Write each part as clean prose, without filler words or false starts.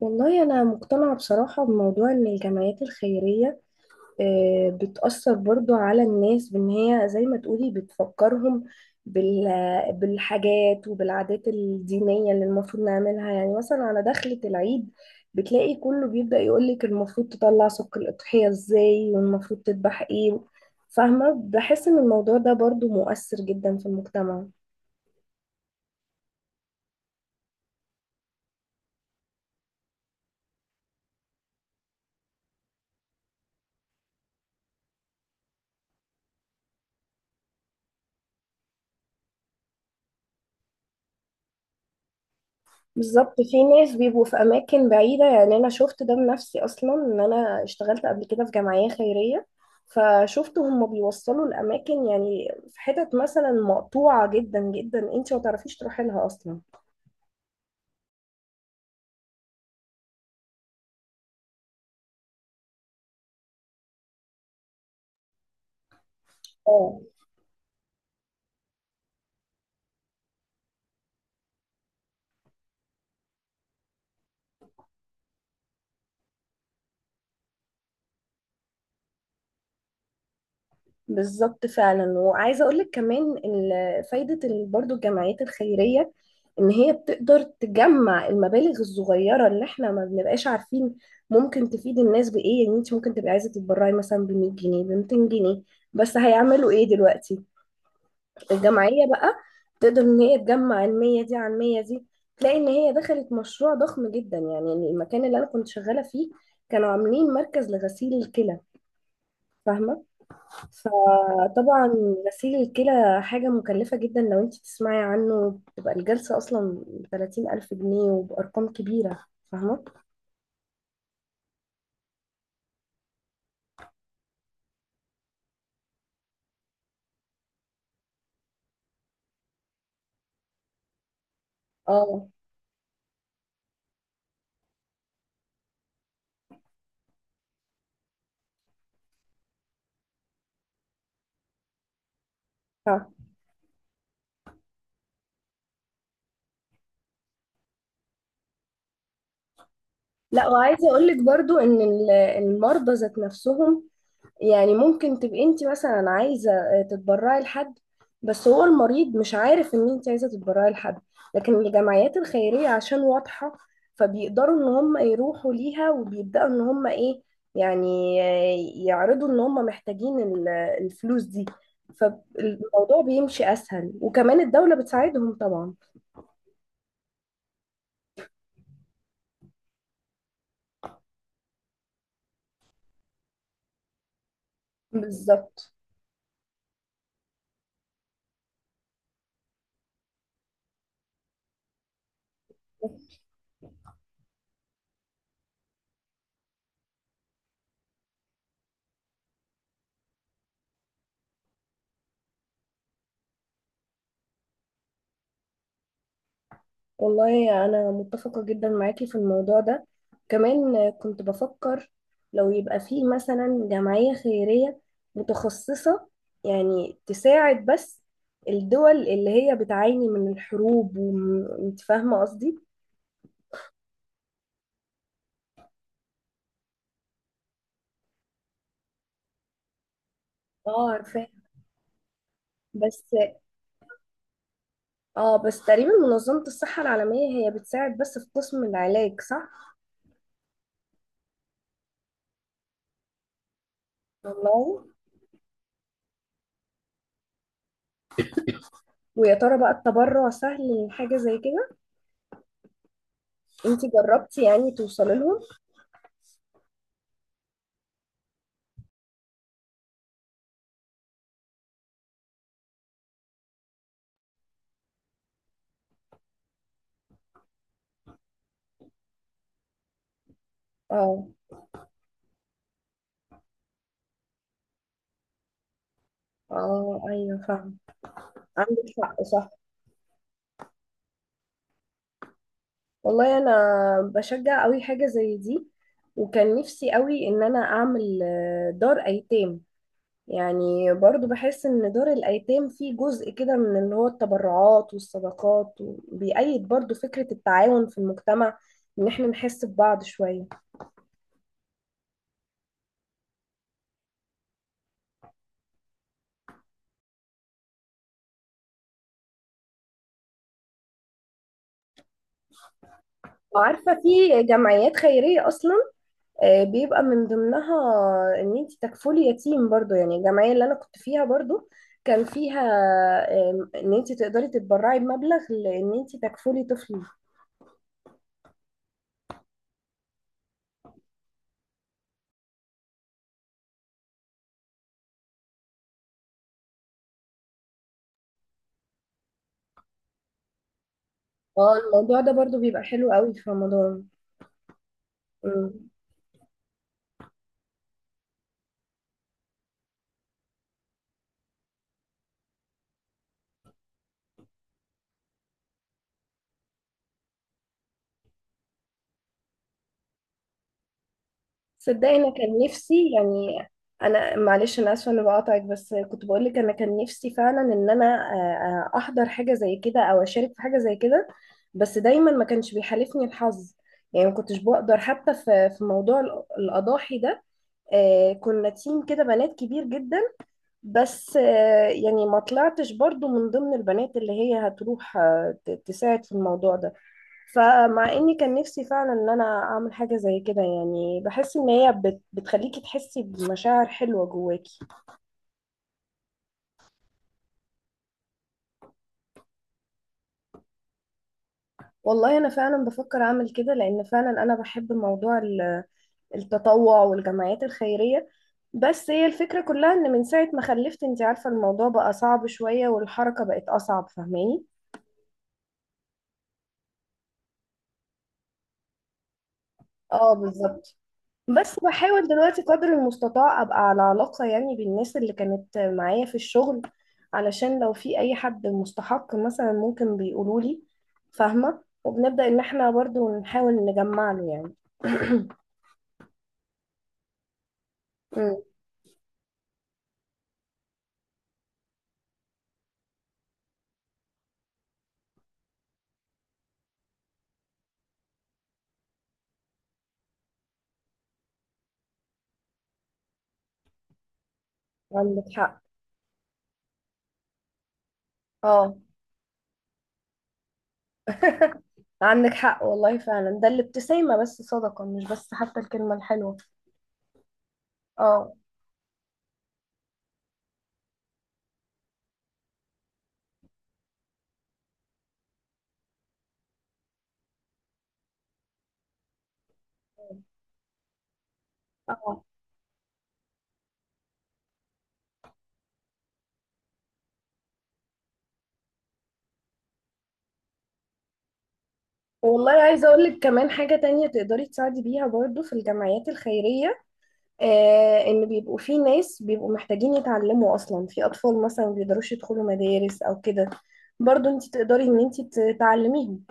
والله أنا مقتنعة بصراحة بموضوع إن الجمعيات الخيرية بتأثر برضو على الناس بإن هي زي ما تقولي بتفكرهم بالحاجات وبالعادات الدينية اللي المفروض نعملها، يعني مثلا على دخلة العيد بتلاقي كله بيبدأ يقولك المفروض تطلع سك الأضحية إزاي والمفروض تذبح إيه. فاهمة؟ بحس إن الموضوع ده برضو مؤثر جدا في المجتمع. بالظبط، في ناس بيبقوا في اماكن بعيده، يعني انا شفت ده بنفسي اصلا، ان انا اشتغلت قبل كده في جمعيه خيريه، فشفت هم بيوصلوا الاماكن، يعني في حتت مثلا مقطوعه جدا جدا انت ما تعرفيش تروحي لها اصلا. اه، بالظبط فعلا. وعايزه اقول لك كمان فايده برضو الجمعيات الخيريه، ان هي بتقدر تجمع المبالغ الصغيره اللي احنا ما بنبقاش عارفين ممكن تفيد الناس بايه. يعني انت ممكن تبقي عايزه تتبرعي مثلا ب 100 جنيه، ب 200 جنيه، بس هيعملوا ايه دلوقتي؟ الجمعيه بقى تقدر ان هي تجمع ال 100 دي عن 100 دي، تلاقي ان هي دخلت مشروع ضخم جدا. يعني المكان اللي انا كنت شغاله فيه كانوا عاملين مركز لغسيل الكلى، فاهمه؟ فطبعا غسيل الكلى حاجة مكلفة جدا. لو انت تسمعي عنه بتبقى الجلسة اصلا 30 ألف جنيه وبأرقام كبيرة. فاهمة؟ اه. ف- لا، وعايزة اقولك برضو ان المرضى ذات نفسهم. يعني ممكن تبقي انت مثلا عايزه تتبرعي لحد، بس هو المريض مش عارف ان انت عايزه تتبرعي لحد، لكن الجمعيات الخيريه عشان واضحه فبيقدروا ان هم يروحوا ليها وبيبداوا ان هم ايه، يعني يعرضوا ان هم محتاجين الفلوس دي، فالموضوع بيمشي اسهل. وكمان الدوله بتساعدهم طبعا. بالظبط. والله أنا متفقة جدا معاكي في الموضوع ده. كمان كنت بفكر لو يبقى فيه مثلا جمعية خيرية متخصصة، يعني تساعد بس الدول اللي هي بتعاني من الحروب، وانت فاهمة قصدي؟ اه، عارفاه. بس اه، بس تقريبا منظمة الصحة العالمية هي بتساعد بس في قسم العلاج، صح؟ والله، ويا ترى بقى التبرع سهل لحاجة زي كده؟ انت جربتي يعني توصلي لهم؟ اه. اه، ايوه، فاهمة. عندك حق، صح. والله، انا بشجع قوي حاجه زي دي، وكان نفسي قوي ان انا اعمل دار ايتام. يعني برضو بحس ان دار الايتام فيه جزء كده من اللي هو التبرعات والصدقات، وبيأيد برضو فكره التعاون في المجتمع، ان احنا نحس ببعض شويه. وعارفه في جمعيات خيريه اصلا بيبقى من ضمنها ان انت تكفلي يتيم. برضو يعني الجمعيه اللي انا كنت فيها برضو كان فيها ان انت تقدري تتبرعي بمبلغ لان انت تكفلي طفل. اه، الموضوع ده برضو بيبقى حلو قوي في رمضان. مم. صدقني انا كان نفسي يعني. انا معلش انا اسفه اني بقاطعك، بس كنت بقول لك انا كان نفسي فعلا ان انا احضر حاجه زي كده او اشارك في حاجه زي كده، بس دايما ما كانش بيحالفني الحظ. يعني ما كنتش بقدر حتى في موضوع الاضاحي ده. كنا تيم كده بنات كبير جدا، بس يعني ما طلعتش برضو من ضمن البنات اللي هي هتروح تساعد في الموضوع ده. فمع اني كان نفسي فعلا ان انا اعمل حاجه زي كده، يعني بحس ان هي بتخليكي تحسي بمشاعر حلوه جواكي. والله انا فعلا بفكر اعمل كده، لان فعلا انا بحب موضوع التطوع والجمعيات الخيريه. بس هي الفكره كلها ان من ساعه ما خلفت، انت عارفه، الموضوع بقى صعب شويه والحركه بقت اصعب، فاهماني؟ اه، بالظبط. بس بحاول دلوقتي قدر المستطاع ابقى على علاقة يعني بالناس اللي كانت معايا في الشغل، علشان لو في اي حد مستحق مثلا ممكن بيقولوا لي، فاهمة؟ وبنبدأ ان احنا برضو نحاول نجمع له يعني. أمم، عندك حق. اه. عندك حق والله فعلا، ده الابتسامة بس صدقة، مش بس حتى الكلمة الحلوة. اه. اه، والله عايزة اقول لك كمان حاجة تانية تقدري تساعدي بيها برضو في الجمعيات الخيرية. ان بيبقوا في ناس بيبقوا محتاجين يتعلموا اصلا، في اطفال مثلا ما بيقدروش يدخلوا مدارس او كده، برضو انت تقدري ان انت تعلميهم.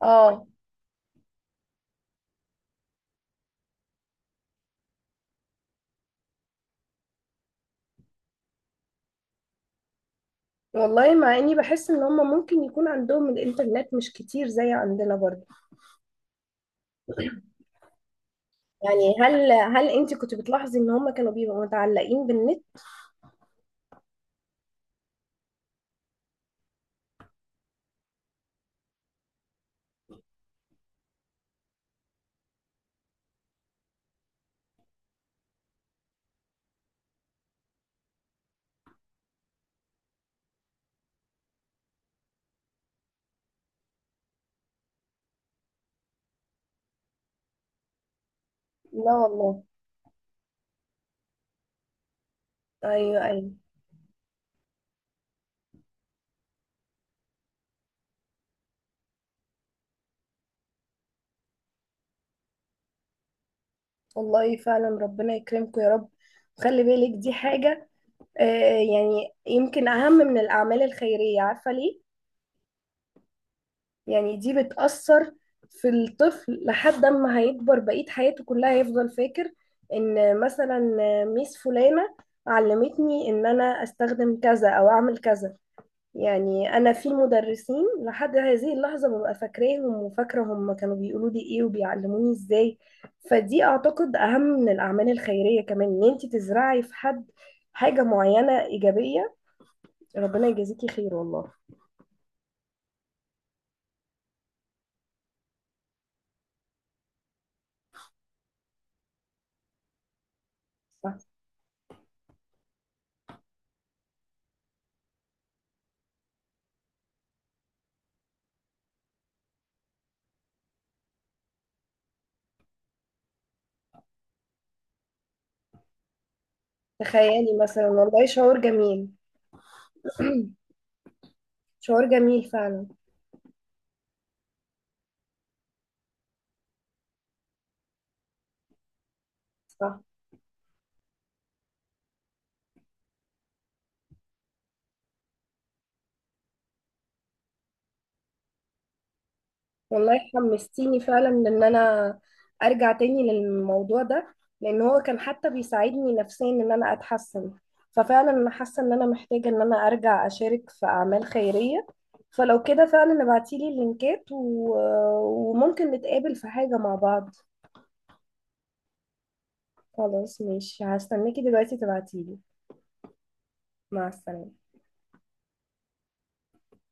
اه، والله مع اني بحس ان هم ممكن يكون عندهم الانترنت مش كتير زي عندنا برضو. يعني هل انت كنت بتلاحظي ان هم كانوا بيبقوا متعلقين بالنت؟ لا والله. ايوه، ايوه. والله فعلا ربنا يكرمكم يا رب. خلي بالك، دي حاجة آه، يعني يمكن أهم من الأعمال الخيرية، عارفة ليه؟ يعني دي بتأثر في الطفل، لحد ما هيكبر بقية حياته كلها هيفضل فاكر ان مثلا ميس فلانة علمتني ان انا استخدم كذا او اعمل كذا. يعني انا في مدرسين لحد هذه اللحظة ببقى فاكراهم، وفاكرة هم كانوا بيقولوا لي ايه وبيعلموني ازاي. فدي اعتقد اهم من الاعمال الخيرية، كمان ان انت تزرعي في حد حاجة معينة ايجابية. ربنا يجازيكي خير والله. صح، تخيلي مثلا، والله شعور جميل. شعور جميل فعلا. صح، والله حمستيني فعلا ان انا ارجع تاني للموضوع ده، لان هو كان حتى بيساعدني نفسيا ان انا اتحسن. ففعلا انا حاسه ان انا محتاجه ان انا ارجع اشارك في اعمال خيريه. فلو كده فعلا ابعتيلي اللينكات وممكن نتقابل في حاجه مع بعض. خلاص ماشي، هستناكي دلوقتي تبعتيلي. مع السلامه.